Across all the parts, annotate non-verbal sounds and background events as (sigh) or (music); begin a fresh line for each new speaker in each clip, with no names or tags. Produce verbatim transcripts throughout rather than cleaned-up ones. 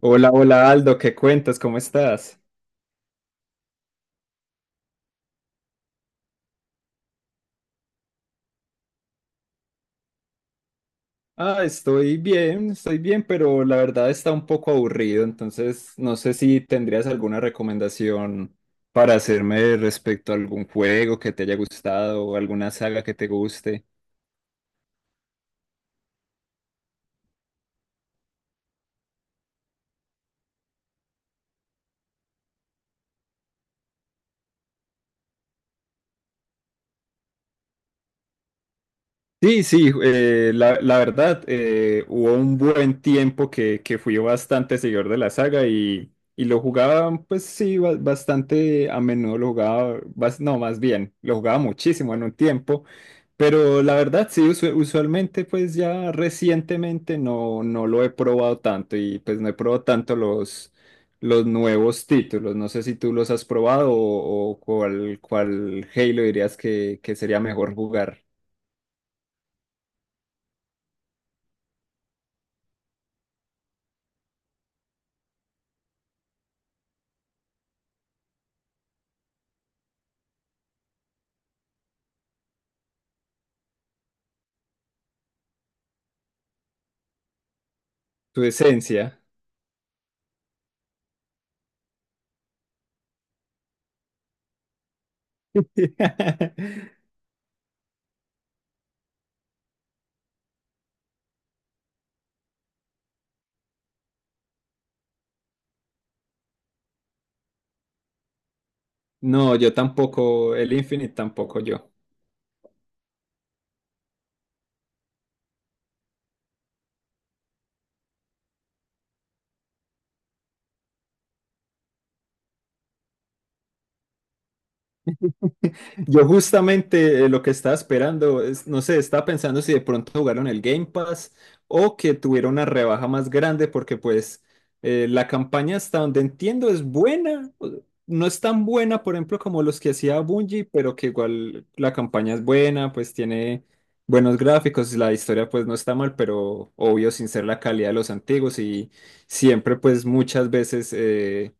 Hola, hola Aldo, ¿qué cuentas? ¿Cómo estás? Ah, estoy bien, estoy bien, pero la verdad está un poco aburrido, entonces no sé si tendrías alguna recomendación para hacerme respecto a algún juego que te haya gustado o alguna saga que te guste. Sí, sí, eh, la, la verdad, eh, hubo un buen tiempo que, que fui bastante seguidor de la saga y, y lo jugaba, pues sí, ba- bastante a menudo lo jugaba, bas- no, más bien, lo jugaba muchísimo en un tiempo, pero la verdad, sí, usu- usualmente, pues ya recientemente no, no lo he probado tanto y pues no he probado tanto los, los nuevos títulos, no sé si tú los has probado o, o cuál, cuál Halo dirías que, que sería mejor jugar, tu esencia. (laughs) No, yo tampoco, el Infinite tampoco yo. Yo justamente eh, lo que estaba esperando, es, no sé, estaba pensando si de pronto jugaron el Game Pass o que tuviera una rebaja más grande porque pues eh, la campaña hasta donde entiendo es buena, o- no es tan buena, por ejemplo, como los que hacía Bungie, pero que igual la campaña es buena, pues tiene buenos gráficos, la historia pues no está mal, pero obvio sin ser la calidad de los antiguos y siempre pues muchas veces eh,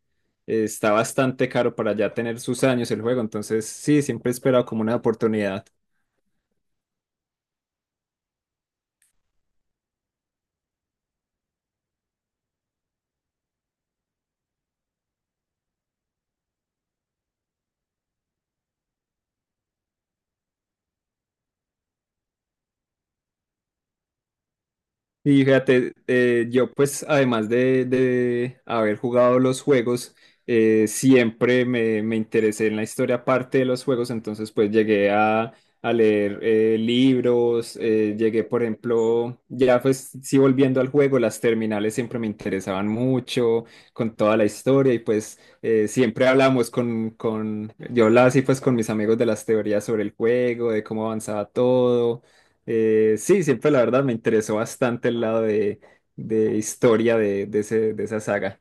eh, está bastante caro para ya tener sus años el juego, entonces sí, siempre he esperado como una oportunidad. Y fíjate, eh, yo pues además de, de haber jugado los juegos, eh, siempre me, me interesé en la historia aparte de los juegos, entonces pues llegué a, a leer eh, libros, eh, llegué por ejemplo, ya pues sí volviendo al juego, las terminales siempre me interesaban mucho con toda la historia y pues eh, siempre hablamos con, con, yo hablaba así pues con mis amigos de las teorías sobre el juego, de cómo avanzaba todo eh, sí, siempre la verdad me interesó bastante el lado de, de historia de, de ese- de esa saga.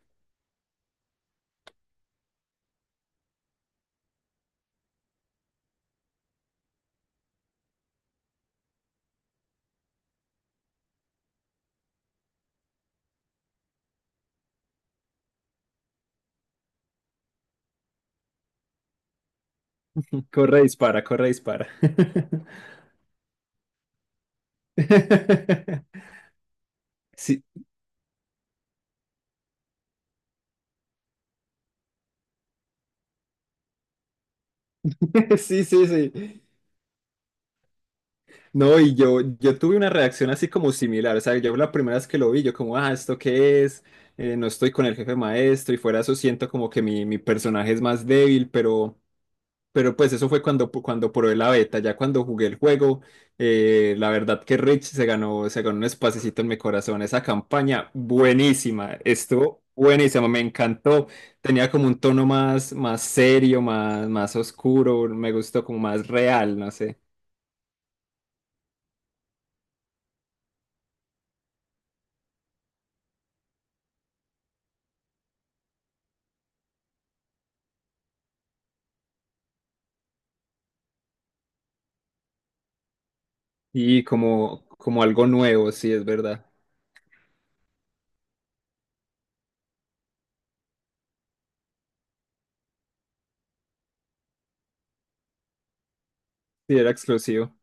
(laughs) Corre, dispara, corre, dispara. (laughs) Sí, (laughs) sí, sí, sí. No, y yo, yo tuve una reacción así como similar. O sea, yo la primera vez que lo vi, yo como, ah, ¿esto qué es? Eh, no estoy con el jefe maestro y fuera de eso siento como que mi, mi personaje es más débil, pero... Pero pues eso fue cuando, cuando probé la beta, ya cuando jugué el juego, eh, la verdad que Rich se ganó, se ganó un espacecito en mi corazón. Esa campaña buenísima, estuvo buenísima, me encantó. Tenía como un tono más, más serio, más, más oscuro, me gustó como más real, no sé. Y como, como algo nuevo, sí, es verdad. Sí, era exclusivo.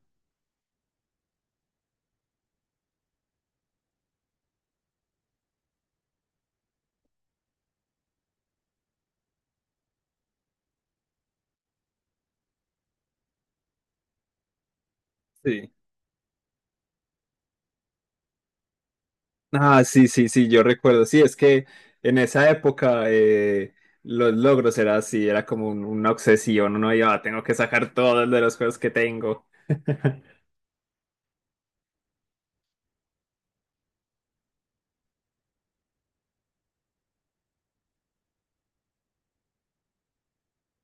Sí. Ah, sí, sí, sí, yo recuerdo. Sí, es que en esa época eh, los logros era así, era como un- una obsesión. Uno iba, "Ah, tengo que sacar todos de los juegos que tengo.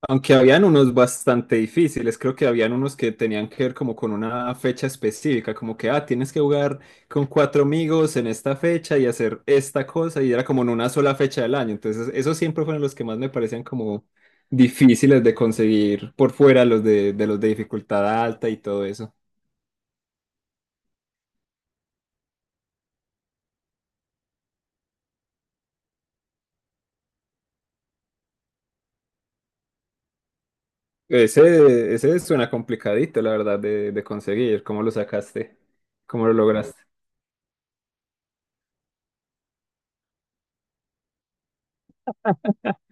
Aunque habían unos bastante difíciles, creo que habían unos que tenían que ver como con una fecha específica, como que, ah, tienes que jugar con cuatro amigos en esta fecha y hacer esta cosa, y era como en una sola fecha del año. Entonces, esos siempre fueron los que más me parecían como difíciles de conseguir por fuera, los de, de los de dificultad alta y todo eso. Ese, ese suena complicadito, la verdad, de, de conseguir. ¿Cómo lo sacaste? ¿Cómo lo lograste?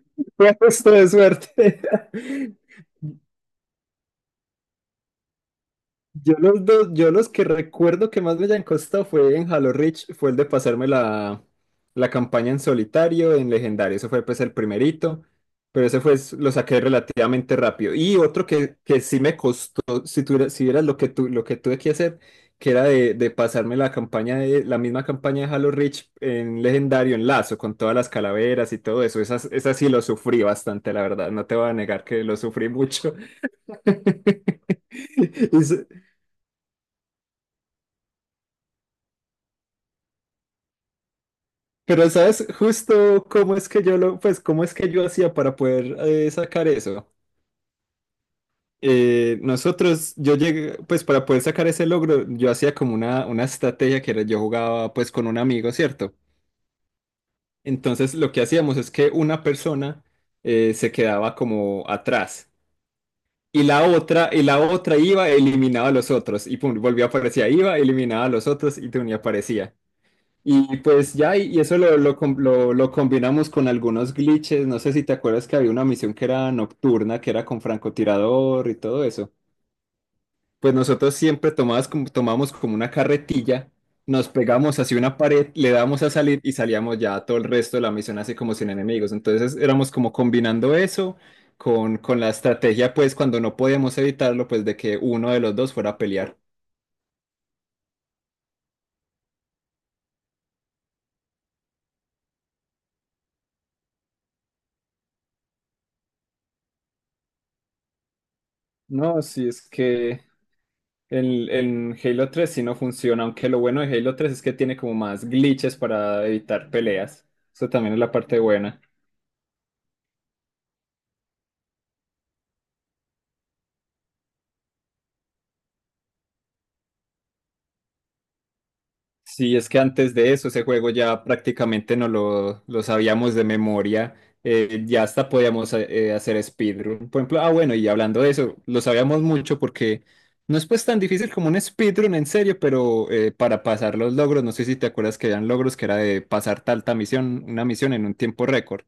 (laughs) Fue justo de suerte. (laughs) Yo los dos, yo los que recuerdo que más me hayan costado fue en Halo Reach, fue el de pasarme la, la campaña en solitario, en legendario, ese fue pues el primerito, pero ese fue, lo saqué relativamente rápido. Y otro que, que sí me costó, si tuviera, si vieras lo que tu, lo que tuve que hacer, que era de, de pasarme la campaña de, la misma campaña de Halo Reach en legendario, en lazo, con todas las calaveras y todo eso, esas, esas sí lo sufrí bastante, la verdad, no te voy a negar que lo sufrí mucho. (laughs) Y s- Pero sabes justo cómo es que yo lo, pues cómo es que yo hacía para poder eh, sacar eso. Eh, nosotros, yo llegué, pues para poder sacar ese logro, yo hacía como una, una estrategia que era, yo jugaba pues con un amigo, ¿cierto? Entonces lo que hacíamos es que una persona eh, se quedaba como atrás y la otra, y la otra iba, eliminaba a los otros y pum, volvía a aparecer, iba, eliminaba a los otros y pum, y aparecía. Y pues ya, y y eso lo, lo, com- lo- lo combinamos con algunos glitches. No sé si te acuerdas que había una misión que era nocturna, que era con francotirador y todo eso. Pues nosotros siempre tomabas como- tomamos como una carretilla, nos pegamos hacia una pared, le damos a salir y salíamos ya todo el resto de la misión así como sin enemigos. Entonces éramos como combinando eso con, con la estrategia, pues cuando no podíamos evitarlo, pues de que uno de los dos fuera a pelear. No, sí, es que El, en Halo tres sí no funciona, aunque lo bueno de Halo tres es que tiene como más glitches para evitar peleas. Eso también es la parte buena. Sí, es que antes de eso ese juego ya prácticamente no lo, lo sabíamos de memoria. Eh, ya hasta podíamos eh, hacer speedrun. Por ejemplo, ah bueno, y hablando de eso, lo sabíamos mucho porque no es pues tan difícil como un speedrun en serio, pero eh, para pasar los logros, no sé si te acuerdas que eran logros que era de pasar tal, tal misión, una misión en un tiempo récord.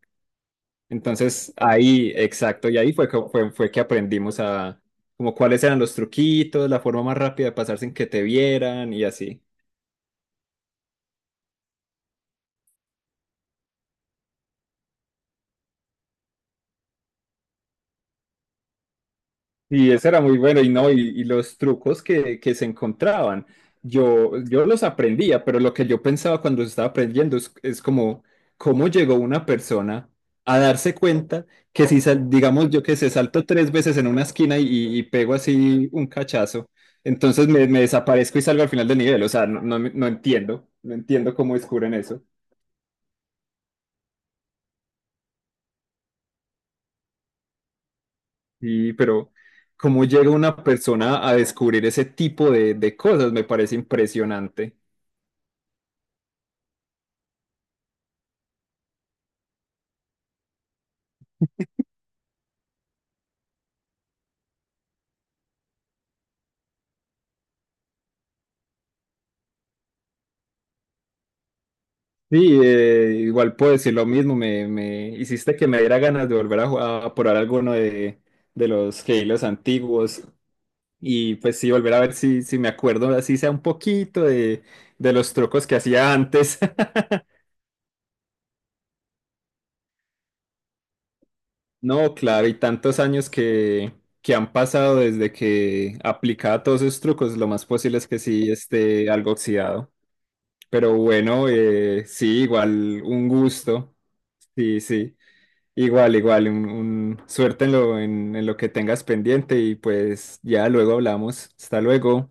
Entonces ahí, exacto, y ahí fue que, fue, fue que aprendimos a como cuáles eran los truquitos, la forma más rápida de pasar sin que te vieran y así. Y eso era muy bueno, y no, y, y los trucos que, que se encontraban, yo, yo los aprendía, pero lo que yo pensaba cuando los estaba aprendiendo es, es como, ¿cómo llegó una persona a darse cuenta que si, sal- digamos, yo que se salto tres veces en una esquina y, y- y pego así un cachazo, entonces me, me desaparezco y salgo al final del nivel? O sea, no, no, no entiendo, no entiendo cómo descubren eso. Y, pero, ¿cómo llega una persona a descubrir ese tipo de, de cosas? Me parece impresionante. Sí, eh, igual puedo decir lo mismo, me, me hiciste que me diera ganas de volver a, jugar, a probar alguno de, de los Halos antiguos y pues sí, volver a ver si, si me acuerdo, así sea un poquito de, de los trucos que hacía antes. (laughs) No, claro, y tantos años que, que han pasado desde que aplicaba todos esos trucos, lo más posible es que sí esté algo oxidado. Pero bueno, eh, sí, igual un gusto, sí, sí. Igual, igual, un, un- suerte en lo, en en lo que tengas pendiente y pues ya luego hablamos. Hasta luego.